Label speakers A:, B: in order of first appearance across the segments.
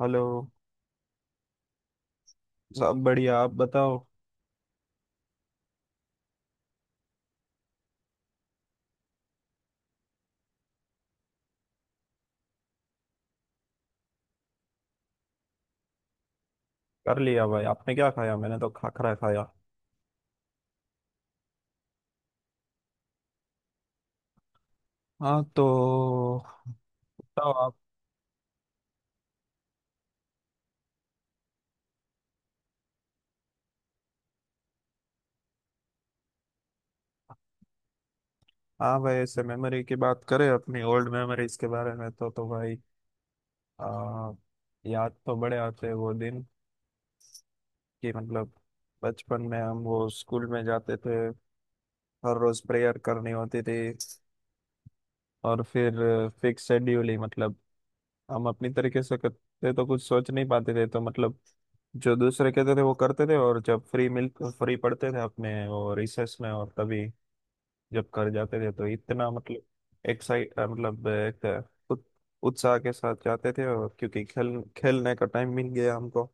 A: Hello. सब बढ़िया, आप बताओ। कर लिया भाई, आपने क्या खाया? मैंने तो खाखरा खाया। हाँ तो बताओ आप। हाँ भाई, ऐसे मेमोरी की बात करें अपनी ओल्ड मेमोरीज के बारे में, तो भाई आ, याद तो बड़े आते हैं वो दिन। कि मतलब बचपन में हम वो स्कूल में जाते थे, हर रोज प्रेयर करनी होती थी। और फिर फिक्स शेड्यूल ही, मतलब हम अपनी तरीके से करते तो कुछ सोच नहीं पाते थे, तो मतलब जो दूसरे कहते थे वो करते थे। और जब फ्री मिल फ्री पढ़ते थे अपने वो रिसेस में, और तभी जब कर जाते थे तो इतना मतलब एक्साइट, मतलब एक उत- उत्साह के साथ जाते थे, और क्योंकि खेल खेलने का टाइम मिल गया हमको।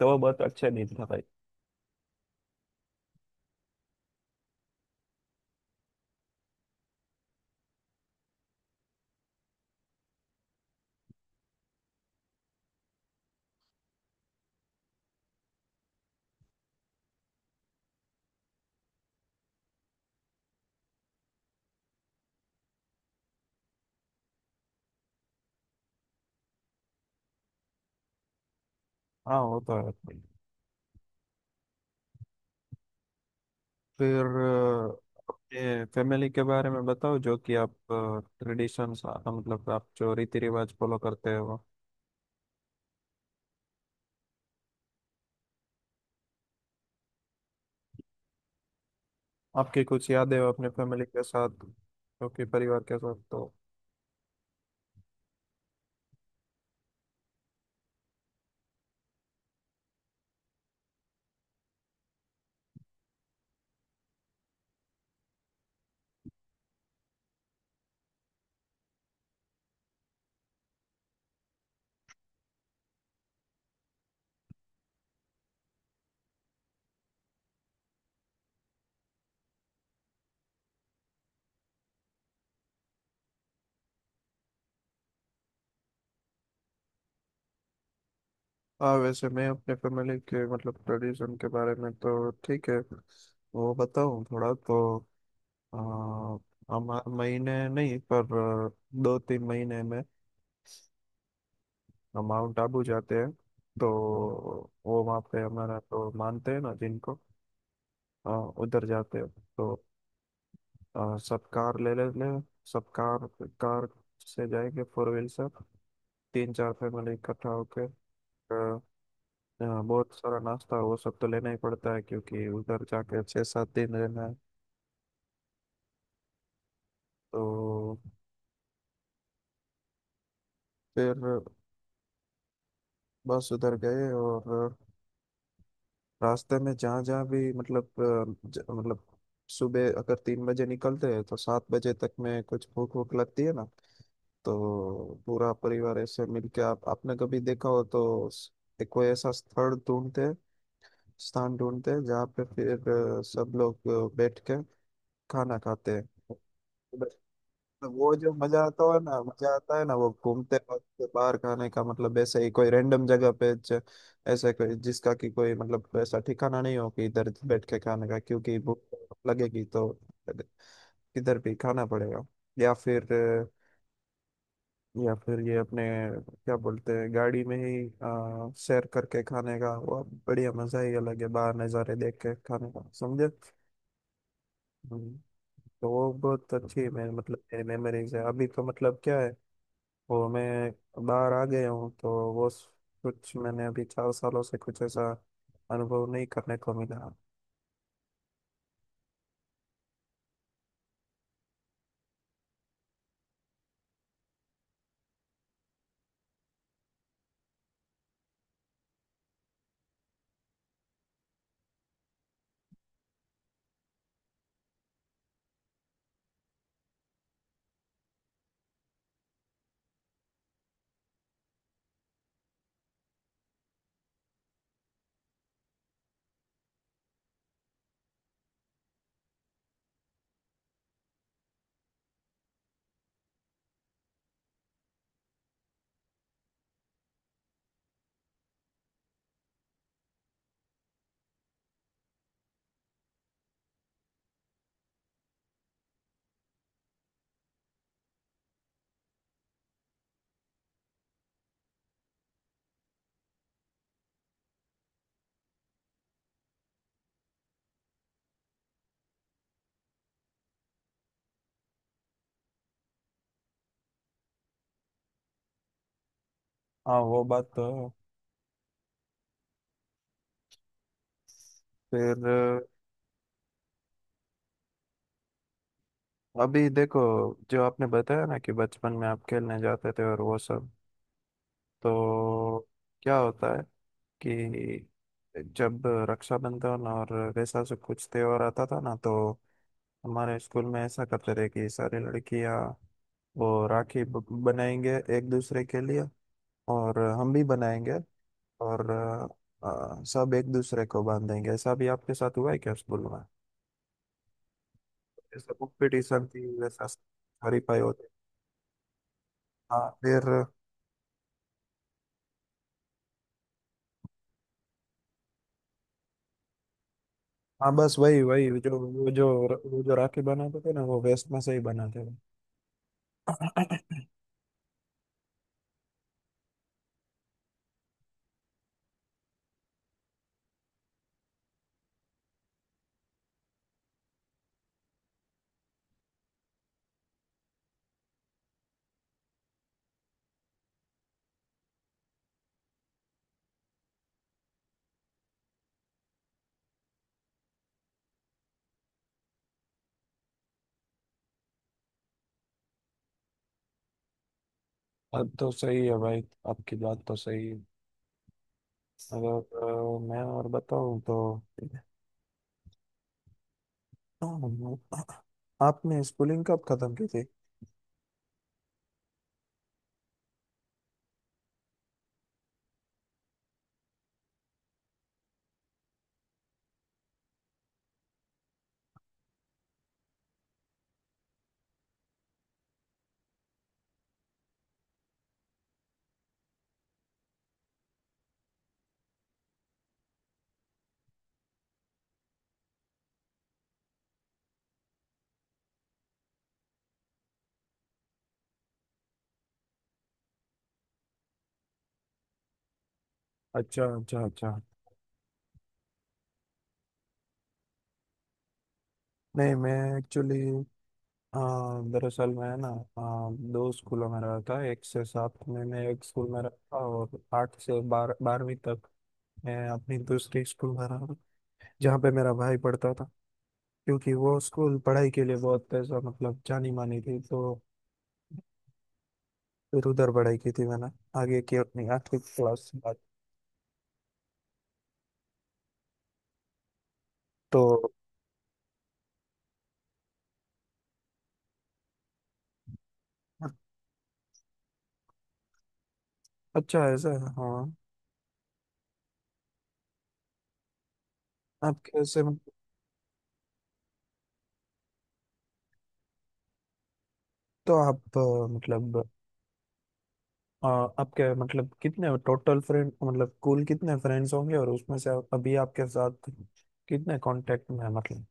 A: तो वो बहुत अच्छा दिन था भाई। हाँ वो तो है। फिर अपने फैमिली के बारे में बताओ, जो कि आप ट्रेडिशंस, मतलब आप जो रीति रिवाज फॉलो करते हो, आपकी कुछ यादें हो अपने फैमिली के साथ, जो कि परिवार के साथ। तो हाँ, वैसे मैं अपने फैमिली के मतलब ट्रेडिशन के बारे में तो ठीक है वो बताऊँ थोड़ा। तो आ, हम हर महीने नहीं पर अ, 2-3 महीने में हम माउंट आबू जाते हैं। तो वो वहाँ पे हमारा तो मानते हैं ना जिनको, अ, उधर जाते हैं। तो सब कार ले लेते हैं। सब कार, कार से जाएंगे फोर व्हील से, 3-4 फैमिली इकट्ठा होके। हाँ, बहुत सारा नाश्ता और वो सब तो लेना ही पड़ता है, क्योंकि उधर जाके 6-7 दिन रहना है। तो फिर बस उधर गए, और रास्ते में जहाँ जहाँ भी मतलब मतलब सुबह अगर 3 बजे निकलते हैं तो 7 बजे तक में कुछ भूख भूख लगती है ना। तो पूरा परिवार ऐसे मिलके, आप आपने कभी देखा हो तो एक कोई ऐसा स्थल ढूंढते हैं, स्थान ढूंढते हैं जहाँ पे फिर सब लोग बैठ के खाना खाते हैं। तो वो जो मजा आता है ना, मजा आता है ना वो घूमते वक्त बाहर खाने का, मतलब ऐसे ही कोई रैंडम जगह पे ऐसे कोई जिसका कि कोई मतलब ऐसा ठिकाना नहीं हो कि इधर बैठ के खाने का, क्योंकि भूख लगेगी तो किधर भी खाना पड़ेगा। या फिर या फिर ये अपने क्या बोलते हैं गाड़ी में ही शेयर करके खाने का, वो बढ़िया मजा ही अलग है, बाहर नज़ारे देख के खाने का, समझे। हम्म, तो वो बहुत अच्छी मैं मतलब मेरी मेमोरीज है। अभी तो मतलब क्या है, और मैं बाहर आ गया हूँ तो वो कुछ मैंने अभी 4 सालों से कुछ ऐसा अनुभव नहीं करने को मिला। हाँ वो बात तो है। फिर अभी देखो, जो आपने बताया ना कि बचपन में आप खेलने जाते थे और वो सब। तो क्या होता है कि जब रक्षाबंधन और वैसा सब कुछ त्योहार आता था ना, तो हमारे स्कूल में ऐसा करते थे कि सारी लड़कियां वो राखी बनाएंगे एक दूसरे के लिए, और हम भी बनाएंगे। और सब एक दूसरे को बांधेंगे। ऐसा भी आपके साथ हुआ है क्या स्कूल में? ऐसा कॉम्पिटिशन थी, वैसा हरीफाई होते? हाँ फिर हाँ, बस वही वही जो वो जो वो जो राखी बनाते थे ना, वो वेस्ट में से ही बनाते थे। अब तो सही है भाई, आपकी बात तो सही है। अगर मैं और बताऊं तो, आपने स्कूलिंग कब खत्म की थी? अच्छा अच्छा अच्छा। नहीं मैं एक्चुअली, हाँ दरअसल मैं ना, हाँ, दो स्कूलों में रहा था। एक से सात में मैं एक स्कूल में रहा था, और आठ से 12वीं तक मैं अपनी दूसरी स्कूल में रहा, जहाँ पे मेरा भाई पढ़ता था। क्योंकि वो स्कूल पढ़ाई के लिए बहुत ऐसा मतलब जानी मानी थी, तो फिर उधर पढ़ाई की थी मैंने, आगे की अपनी आठवीं क्लास के बाद। तो अच्छा ऐसा है, हाँ। आप कैसे मतलब- तो आप मतलब आपके मतलब कितने टोटल फ्रेंड, मतलब कुल कितने फ्रेंड्स होंगे, और उसमें से अभी आपके साथ कितने कांटेक्ट में है, मतलब?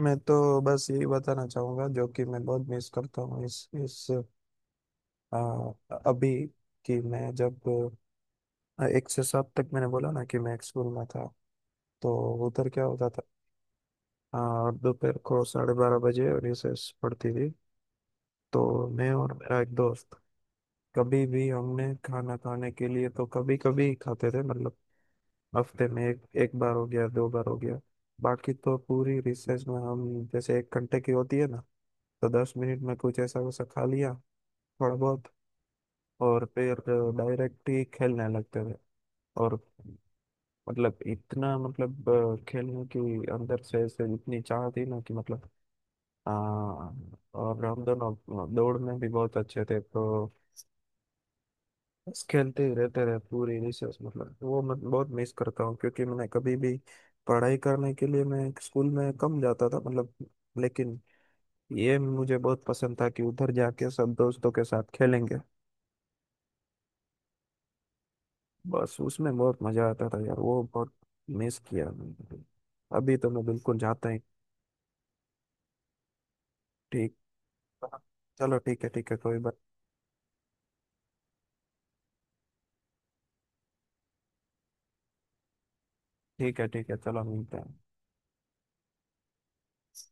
A: मैं तो बस यही बताना चाहूंगा, जो कि मैं बहुत मिस करता हूँ इस आ, अभी। कि मैं जब एक से सात तक मैंने बोला ना कि मैं एक स्कूल में था। तो उधर क्या होता था, दोपहर को 12:30 बजे रिसेस पड़ती थी। तो मैं और मेरा एक दोस्त, कभी भी हमने खाना खाने के लिए तो कभी कभी खाते थे, मतलब हफ्ते में एक एक बार हो गया दो बार हो गया। बाकी तो पूरी रिसेस में हम, जैसे एक घंटे की होती है ना, तो 10 मिनट में कुछ ऐसा वैसा खा लिया थोड़ा बहुत, और फिर डायरेक्ट ही खेलने लगते थे। और मतलब इतना, मतलब खेलने की अंदर से ऐसे इतनी चाह थी ना, कि मतलब आ, और हम दोनों दौड़ में भी बहुत अच्छे थे। तो बस खेलते ही रहते रहे पूरी रिसेस, मतलब वो मैं बहुत मिस करता हूँ, क्योंकि मैंने कभी भी पढ़ाई करने के लिए मैं स्कूल में कम जाता था, मतलब। लेकिन ये मुझे बहुत पसंद था कि उधर जाके सब दोस्तों के साथ खेलेंगे। बस उसमें बहुत मजा आता था यार, वो बहुत मिस किया मैंने। अभी तो मैं बिल्कुल जाता ही ठीक। चलो ठीक है कोई बात, ठीक है चलो मिलते हैं।